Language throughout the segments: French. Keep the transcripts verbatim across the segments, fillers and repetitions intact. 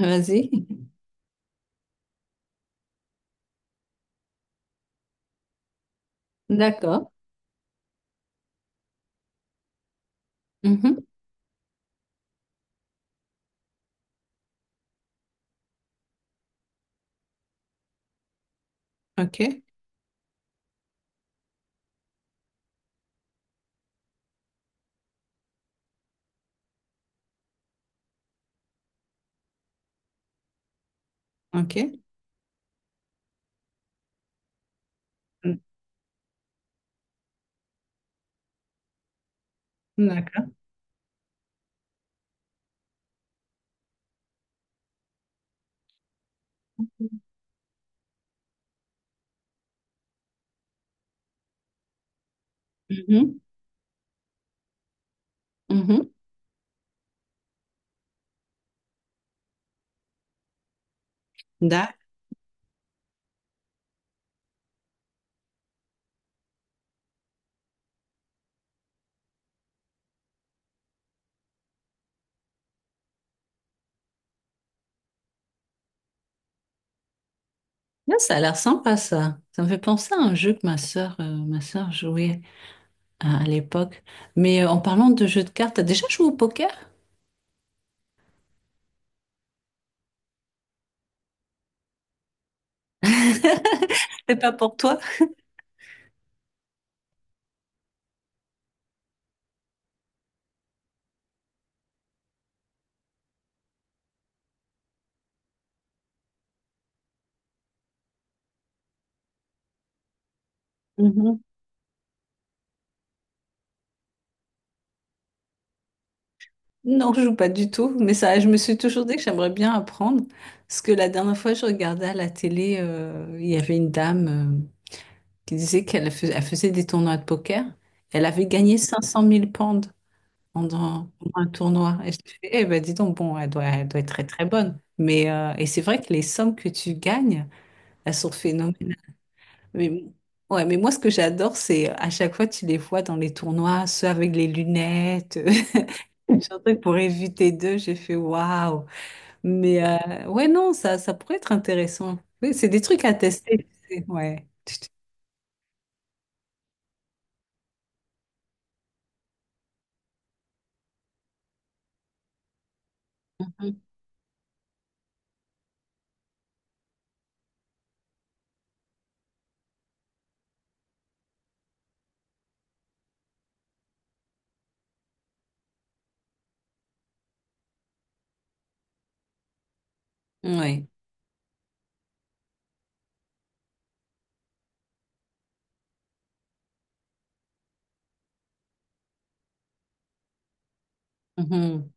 Vas-y. D'accord. Mhm. OK. OK. Mhm. D'accord. Mhm. Mhm. D'accord. Là, ça a l'air sympa, ça. Ça me fait penser à un jeu que ma sœur, euh, ma sœur jouait à, à l'époque. Mais euh, en parlant de jeux de cartes, t'as déjà joué au poker? C'est pas pour toi? Mhm. Non, je joue pas du tout. Mais ça, je me suis toujours dit que j'aimerais bien apprendre. Parce que la dernière fois, je regardais à la télé, euh, il y avait une dame, euh, qui disait qu'elle fais- elle faisait des tournois de poker. Elle avait gagné cinq cent mille pounds pendant pendant un tournoi. Et je fais, eh ben dis donc, bon, elle doit, elle doit être très très bonne. Mais euh, et c'est vrai que les sommes que tu gagnes, elles sont phénoménales. Mais, ouais, mais moi, ce que j'adore, c'est, euh, à chaque fois, tu les vois dans les tournois, ceux avec les lunettes. J'ai un truc pour éviter d'eux, j'ai fait waouh. Mais euh, ouais, non, ça, ça pourrait être intéressant. Oui, c'est des trucs à tester, tu sais. Ouais. Mhm. Ouais. Mhm.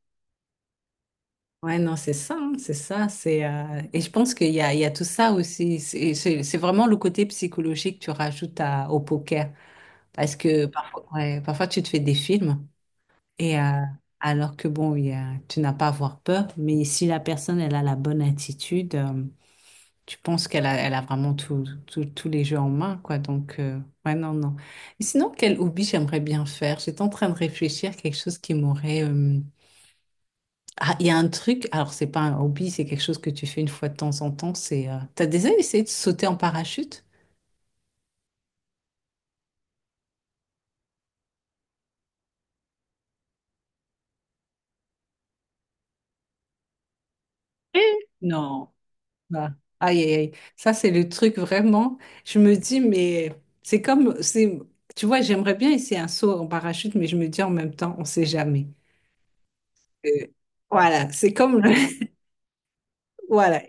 Ouais, non, c'est ça, hein, c'est ça, c'est, euh, et je pense qu'il y a, il y a tout ça aussi. C'est c'est- c'est vraiment le côté psychologique que tu rajoutes à- au poker, parce que parfois, ouais, parfois tu te fais des films et, euh, alors que bon, il y a- tu n'as pas à avoir peur, mais si la personne elle a la bonne attitude, euh, tu penses qu'elle a, elle a vraiment tout, tout- tous les jeux en main, quoi. Donc euh, ouais, non, non. Et sinon, quel hobby j'aimerais bien faire? J'étais en train de réfléchir à quelque chose qui m'aurait, euh, ah, il y a un truc, alors c'est pas un hobby, c'est quelque chose que tu fais une fois de temps en temps, c'est... euh, t'as déjà essayé de sauter en parachute? Eh, non. Ah. Aïe, aïe, aïe. Ça, c'est le truc vraiment. Je me dis, mais c'est comme... c'est, tu vois, j'aimerais bien essayer un saut en parachute, mais je me dis en même temps, on sait jamais. Euh, voilà, c'est comme... le- Voilà.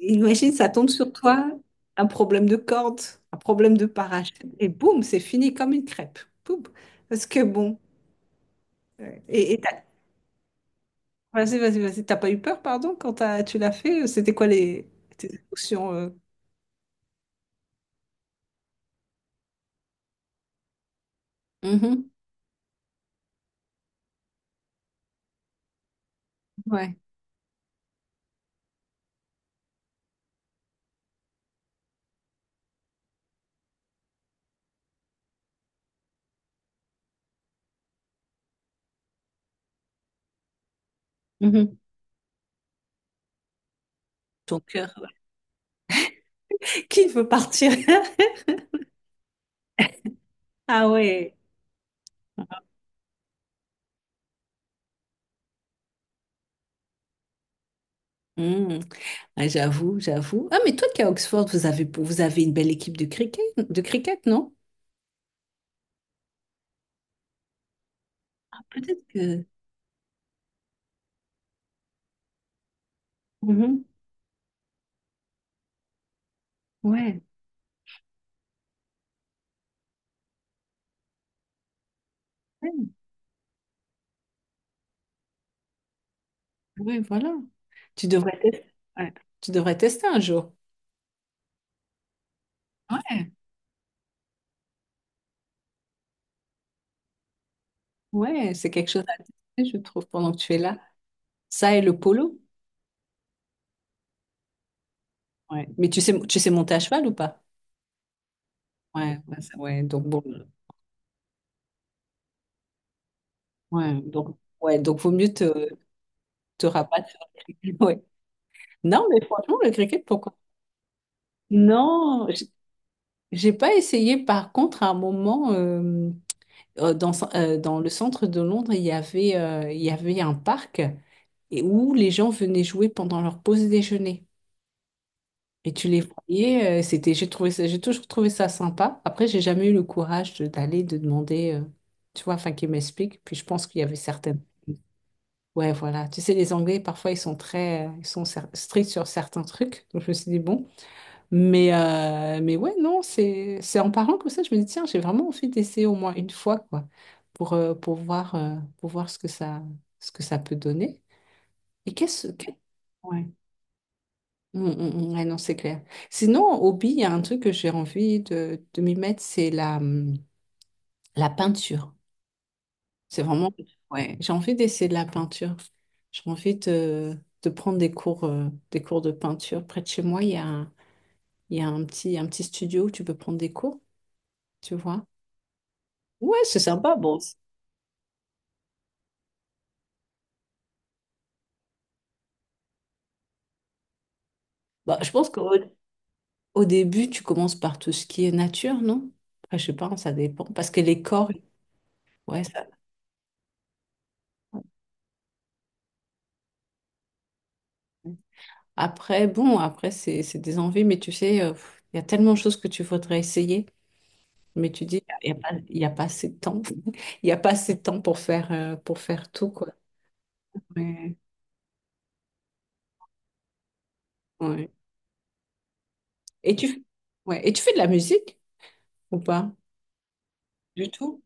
Imagine, ça tombe sur toi, un problème de corde, un problème de parachute, et boum, c'est fini comme une crêpe. Boum. Parce que bon... euh, Et et Vas-y, vas-y, vas-y. T'as pas eu peur, pardon, quand t'as- tu l'as fait? C'était quoi les tes émotions, euh Mhm. Ouais. Mhm. Ton cœur. Qui veut partir? Ah ouais. Hmm. Ah, j'avoue, j'avoue. Ah, mais toi qui es à Oxford, vous avez, vous avez une belle équipe de cricket, de cricket, non? Peut-être que. Mhm. Ouais. Ouais, ouais, voilà. Tu devrais tester. Ouais. Tu devrais tester un jour. Ouais. Ouais, c'est quelque chose à tester, je trouve, pendant que tu es là. Ça et le polo. Ouais. Mais tu sais, tu sais monter à cheval ou pas? Ouais, bah, ça- ouais, donc bon, ouais, donc, ouais, donc vaut mieux te, te rabattre sur le cricket. Ouais. Non, mais franchement, le cricket, pourquoi? Non, j- j'ai pas essayé. Par contre, à un moment, euh, euh, dans, ce- euh, dans le centre de Londres, il y avait, euh, il y avait un parc et où les gens venaient jouer pendant leur pause déjeuner. Et tu les voyais, euh, c'était, j'ai trouvé ça, j'ai toujours trouvé ça sympa. Après, j'ai jamais eu le courage de- d'aller, de demander, euh, tu vois, enfin, qu'ils m'expliquent. Puis je pense qu'il y avait certaines. Ouais, voilà. Tu sais, les Anglais, parfois, ils sont très, euh, ils sont cer- stricts sur certains trucs. Donc, je me suis dit, bon. Mais, euh, mais ouais, non, c'est, c'est en parlant comme ça, je me dis, tiens, j'ai vraiment envie d'essayer au moins une fois, quoi, pour, euh, pour voir, euh, pour voir ce que ça, ce que ça peut donner. Et qu'est-ce que... Ouais. Mm, mm, mm. Ouais, non, c'est clair. Sinon, en hobby, il y a un truc que j'ai envie de, de m'y mettre, c'est la, hum, la peinture. C'est vraiment... Ouais, j'ai envie d'essayer de la peinture. J'ai envie de, de prendre des cours, euh, des cours de peinture. Près de chez moi, il y a, un- il y a un petit, un petit studio où tu peux prendre des cours, tu vois. Ouais, c'est sympa. Bon, c'est- bah, je pense qu'au au début, tu commences par tout ce qui est nature, non? Après, je sais pas, ça dépend. Parce que les corps, ouais, ça- après, bon, après, c'est, c'est des envies, mais tu sais, euh, pff, il y a tellement de choses que tu voudrais essayer. Mais tu dis, il n'y a, y a pas y a pas assez de temps. Il n'y a pas assez de temps pour faire, euh, pour faire tout, quoi. Ouais, ouais. Et tu, ouais. Et tu fais de la musique ou pas? Du tout?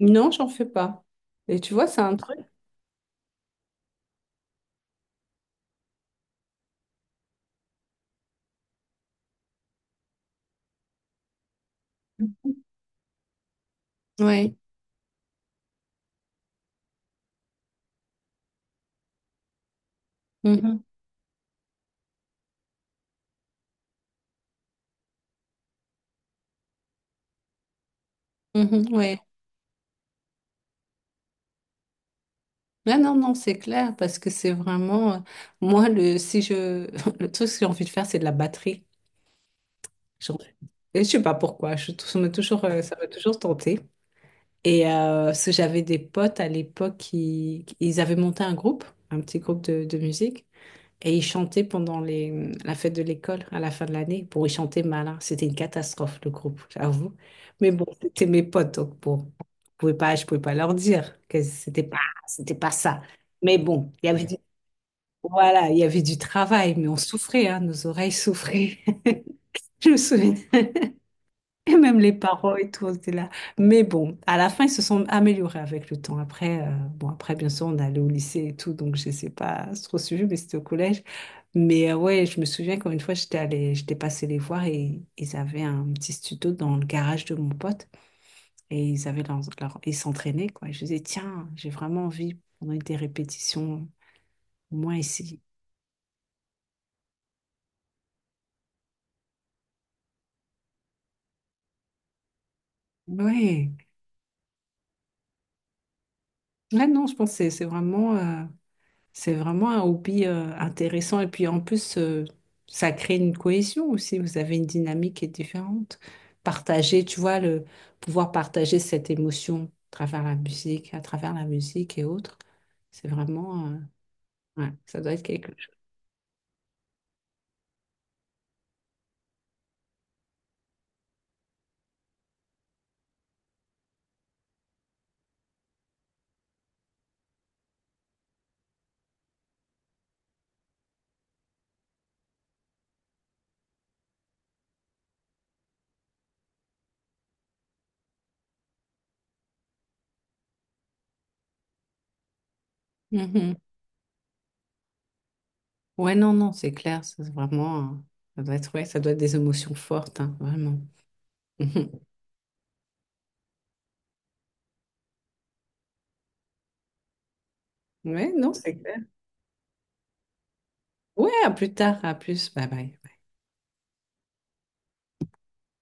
Non, j'en fais pas. Et tu vois, c'est un truc. Oui. Ouais. Non, non, non, c'est clair, parce que c'est vraiment. euh, Moi, le, si je, le truc que j'ai envie de faire, c'est de la batterie. J'en- Et je sais pas pourquoi. Je, ça m'a toujours, euh, ça m'a toujours tenté. Et euh, parce que j'avais des potes à l'époque qui, qui- ils avaient monté un groupe, un petit groupe de, de musique, et ils chantaient pendant les, la fête de l'école à la fin de l'année. Bon, ils chantaient mal, hein. C'était une catastrophe le groupe, j'avoue. Mais bon, c'était mes potes, donc bon, je pouvais pas, je pouvais pas leur dire que c'était pas, c'était pas ça. Mais bon, il y avait. Ouais. du, voilà, il y avait du travail, mais on souffrait, hein, nos oreilles souffraient. Je me souviens. Et même les parents et tout, c'était là. Mais bon, à la fin, ils se sont améliorés avec le temps. Après, euh, bon, après, bien sûr, on allait au lycée et tout, donc je sais pas trop suivi, mais c'était au collège. Mais euh, ouais, je me souviens quand une fois, j'étais allée, j'étais passée les voir et ils avaient un petit studio dans le garage de mon pote et ils avaient leur, leur- ils s'entraînaient, quoi. Je disais, tiens, j'ai vraiment envie, pendant des répétitions, au moins ici. Ouais. Là, non, je pense que c'est c'est vraiment. euh, C'est vraiment un hobby, euh, intéressant et puis en plus, euh, ça crée une cohésion aussi. Vous avez une dynamique qui est différente. Partager, tu vois, le pouvoir partager cette émotion à travers la musique, à travers la musique et autres, c'est vraiment, euh, ouais, ça doit être quelque chose. Mhm. Ouais, non, non, c'est clair, c'est vraiment, euh, ça doit être, ouais, ça doit être des émotions fortes, hein, vraiment. Mhm. Ouais, non, c'est clair. Ouais, à plus tard, à plus, bye bye.